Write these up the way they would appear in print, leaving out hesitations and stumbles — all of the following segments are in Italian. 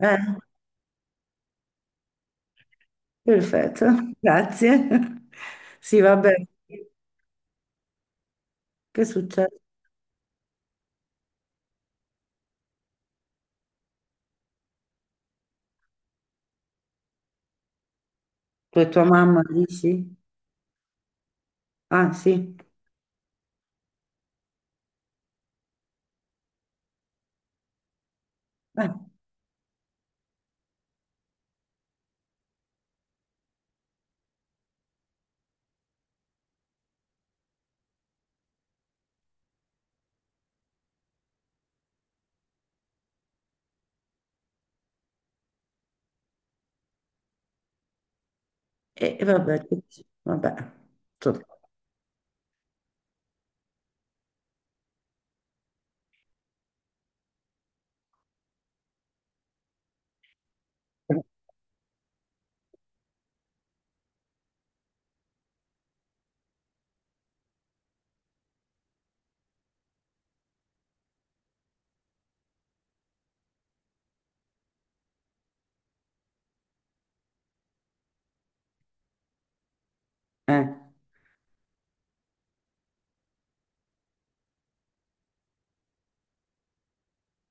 Eh, perfetto, grazie. Sì, vabbè, che succede? Tu e tua mamma dici? Ah, sì. Eh, e vabbè, che dici? Vabbè, insomma, eh,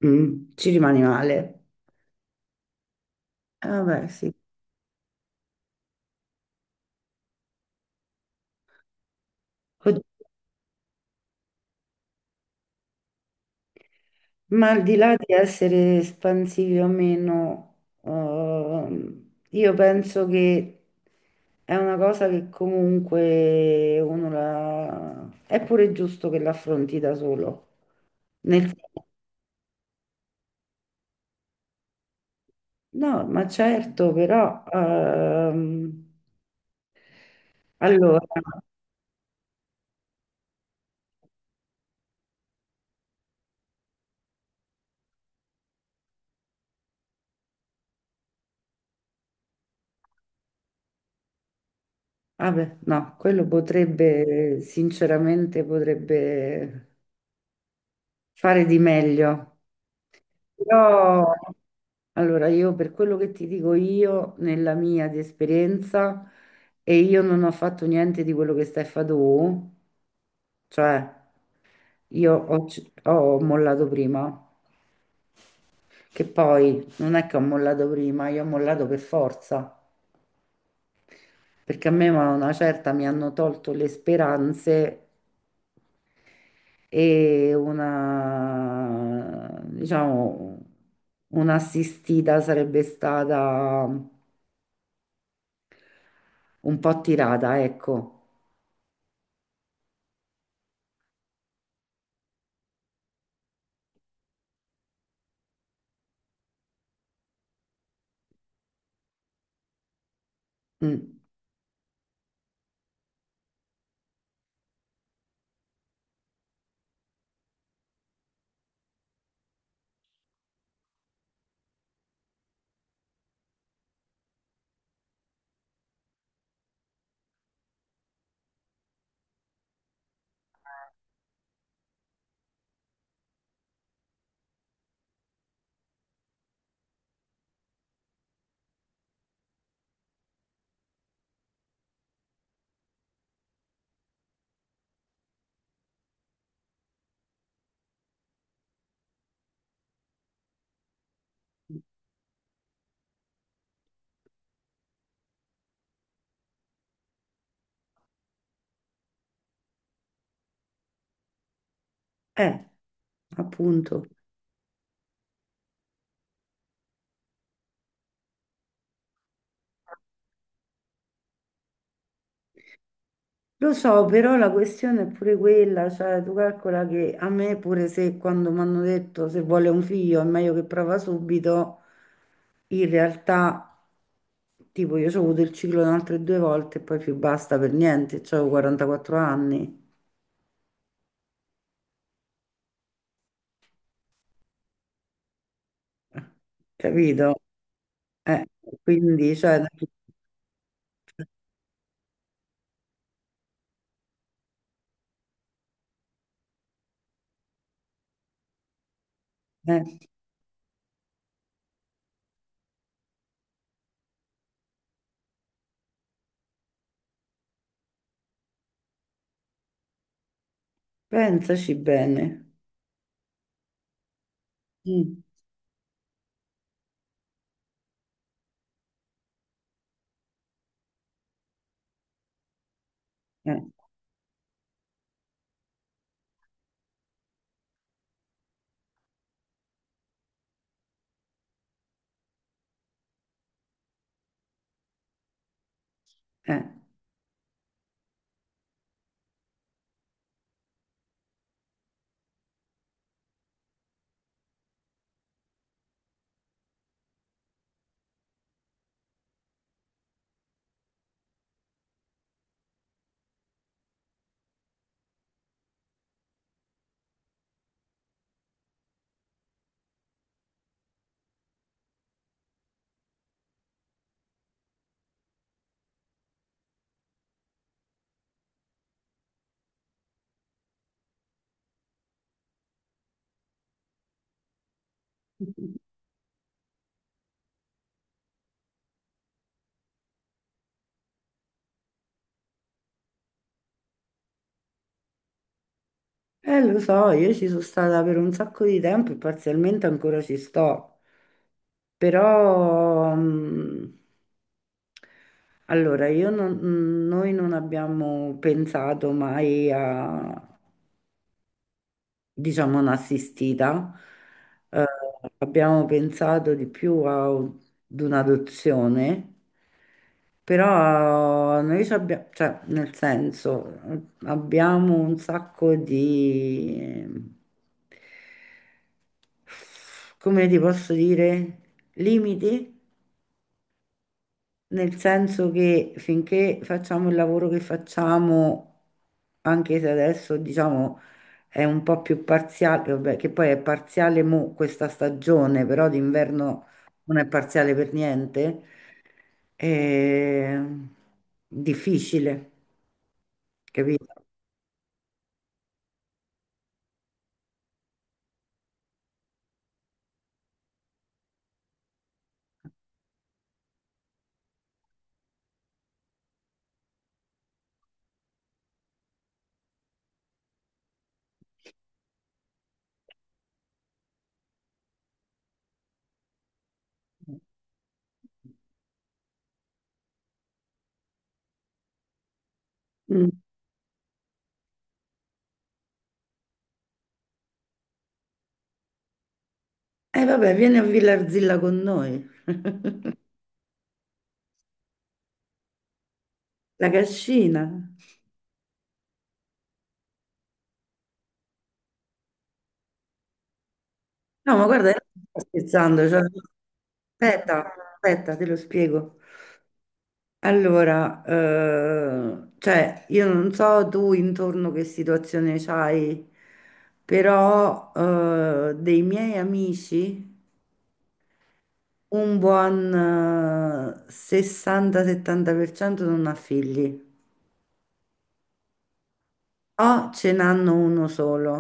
ci rimani male. Vabbè, sì. Od- Ma al di là di essere espansivi o meno, ehm, io penso che è una cosa che comunque uno la, è pure giusto che l'affronti da solo. Nel senso. No, ma certo, però allora, ah beh, no, quello potrebbe, sinceramente, potrebbe fare di meglio. Però, allora, io per quello che ti dico io, nella mia di esperienza, e io non ho fatto niente di quello che stai fa tu, cioè io ho mollato prima, che poi non è che ho mollato prima, io ho mollato per forza. Perché a me a una certa mi hanno tolto le speranze e una, diciamo, un'assistita sarebbe stata un po' tirata, ecco. Mm. Eh, appunto. Lo so, però la questione è pure quella, cioè tu calcola che a me pure se quando mi hanno detto se vuole un figlio è meglio che prova subito. In realtà, tipo, io ho avuto il ciclo da altre due volte e poi più basta per niente, cioè, ho 44 anni, capito? Eh, quindi, cioè, eh, pensaci bene. Mm, eh, eh. Lo so, io ci sono stata per un sacco di tempo e parzialmente ancora ci sto, però, allora, io non- mm, noi non abbiamo pensato mai a, diciamo, non assistita, Mm. abbiamo pensato di più ad un'adozione. Però noi ci abbiamo, cioè, nel senso, abbiamo un sacco di, come ti posso dire, limiti nel senso che finché facciamo il lavoro che facciamo, anche se adesso diciamo è un po' più parziale, vabbè, che poi è parziale mo questa stagione, però d'inverno non è parziale per niente, è difficile, capito? Mm. E vabbè, vieni a Villarzilla con noi, la cascina. No, ma guarda, io non sto scherzando, cioè, aspetta, aspetta, te lo spiego. Allora, cioè, io non so tu intorno che situazione c'hai, però dei miei amici un buon 60-70% non ha figli, o ce n'hanno uno solo.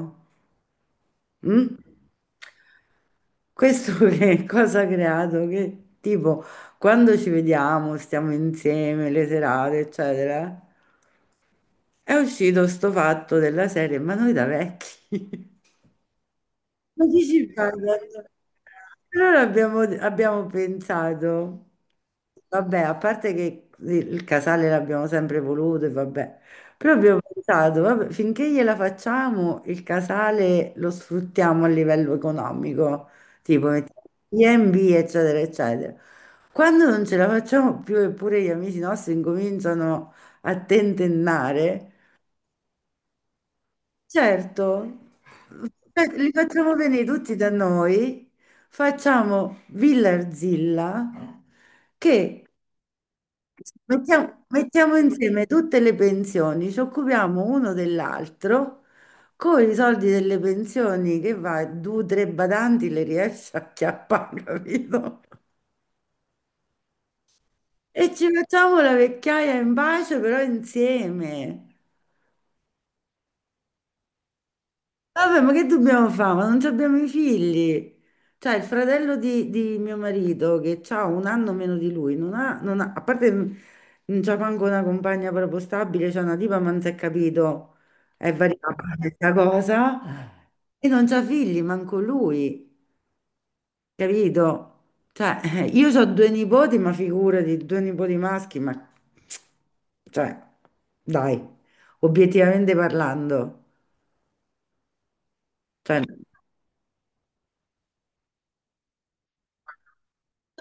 Mm? Questo che cosa ha creato? Che tipo, quando ci vediamo, stiamo insieme, le serate, eccetera. È uscito sto fatto della serie, ma noi da vecchi. Ma chi ci fa? Allora abbiamo pensato, vabbè, a parte che il casale l'abbiamo sempre voluto, e vabbè, però abbiamo pensato, vabbè, finché gliela facciamo, il casale lo sfruttiamo a livello economico, tipo mettiamo gli B&B, eccetera, eccetera. Quando non ce la facciamo più, eppure gli amici nostri incominciano a tentennare. Certo. Li facciamo venire tutti da noi, facciamo Villarzilla, che mettiamo insieme tutte le pensioni, ci occupiamo uno dell'altro, con i soldi delle pensioni che va, due o tre badanti le riesce a chiappare, capito? E ci facciamo la vecchiaia in pace, però insieme. Vabbè, ma che dobbiamo fare? Ma non ci abbiamo i figli. Cioè, il fratello di mio marito, che ha un anno meno di lui, non ha, non ha- a parte non c'ha manco una compagna proprio stabile, c'è una tipa, ma non si è capito, è variabile questa cosa, e non c'ha figli, manco lui, capito? Cioè, io ho due nipoti, ma figurati, due nipoti maschi, ma. Cioè, dai, obiettivamente parlando, cioè.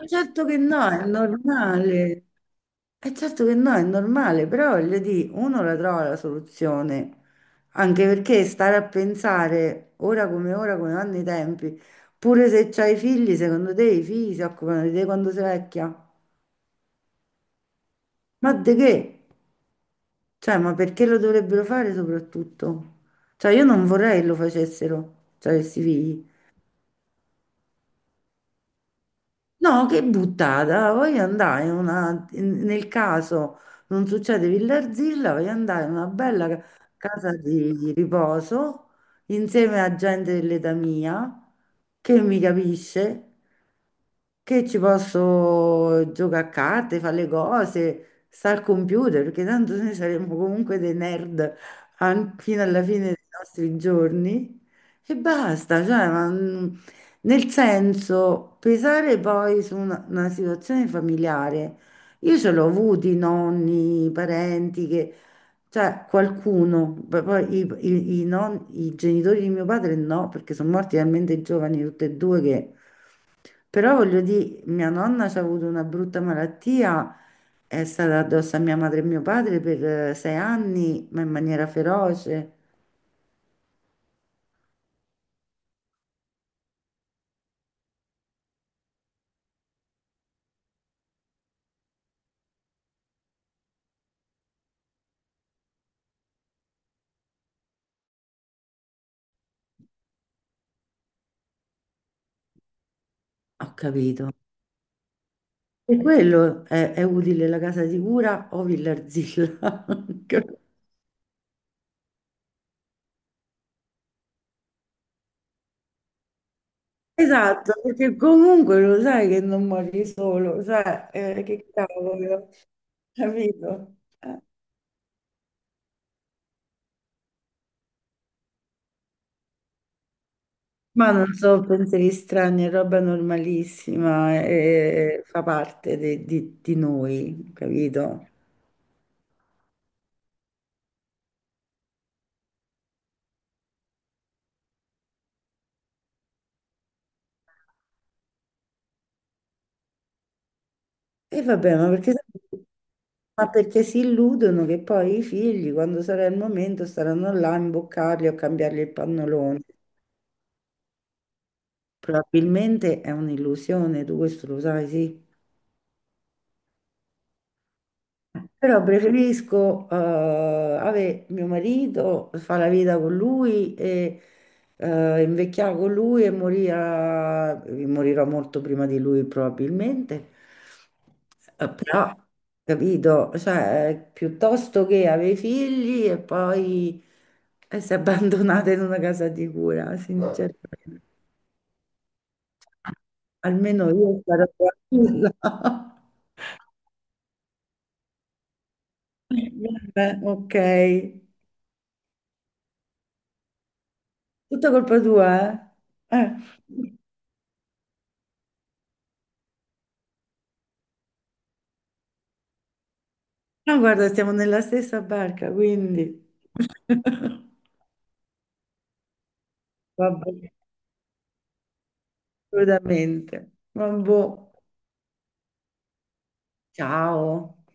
Certo che no, è normale. È certo che no, è normale, però voglio dire, uno la trova la soluzione, anche perché stare a pensare ora, come vanno i tempi, pure se c'hai figli, secondo te i figli si occupano di te quando sei vecchia? Ma di che? Cioè, ma perché lo dovrebbero fare soprattutto? Cioè, io non vorrei che lo facessero, cioè, questi figli. No, che buttata, voglio andare nel caso non succede Villarzilla, voglio andare in una bella casa di riposo insieme a gente dell'età mia che mi capisce, che ci posso giocare a carte, fare le cose, stare al computer, perché tanto noi saremo comunque dei nerd fino alla fine dei nostri giorni e basta, cioè, ma. Nel senso, pesare poi su una situazione familiare. Io ce l'ho avuti nonni, parenti che, cioè qualcuno, poi i, i- i non- i genitori di mio padre no, perché sono morti talmente giovani tutti e due che, però voglio dire, mia nonna ci ha avuto una brutta malattia, è stata addosso a mia madre e mio padre per 6 anni, ma in maniera feroce. Ho capito. E quello è utile la casa di cura o Villarzilla. Esatto, perché comunque lo sai che non muori solo, cioè, che cavolo, capito? Ma non so, pensieri strani, è roba normalissima, fa parte di noi, capito? E vabbè, ma perché si illudono che poi i figli, quando sarà il momento, staranno là a imboccarli o a cambiargli il pannolone. Probabilmente è un'illusione, tu questo lo sai, sì. Però preferisco avere mio marito, fare la vita con lui e invecchiare con lui e morire, morirò molto prima di lui probabilmente. Però, capito, cioè, piuttosto che avere figli e poi essere abbandonata in una casa di cura, sinceramente. Almeno io sarò tranquilla. Vabbè, ok. Tutta colpa tua, eh? No, guarda, siamo nella stessa barca, quindi. Vabbè, assolutamente. Vabbè. Ciao.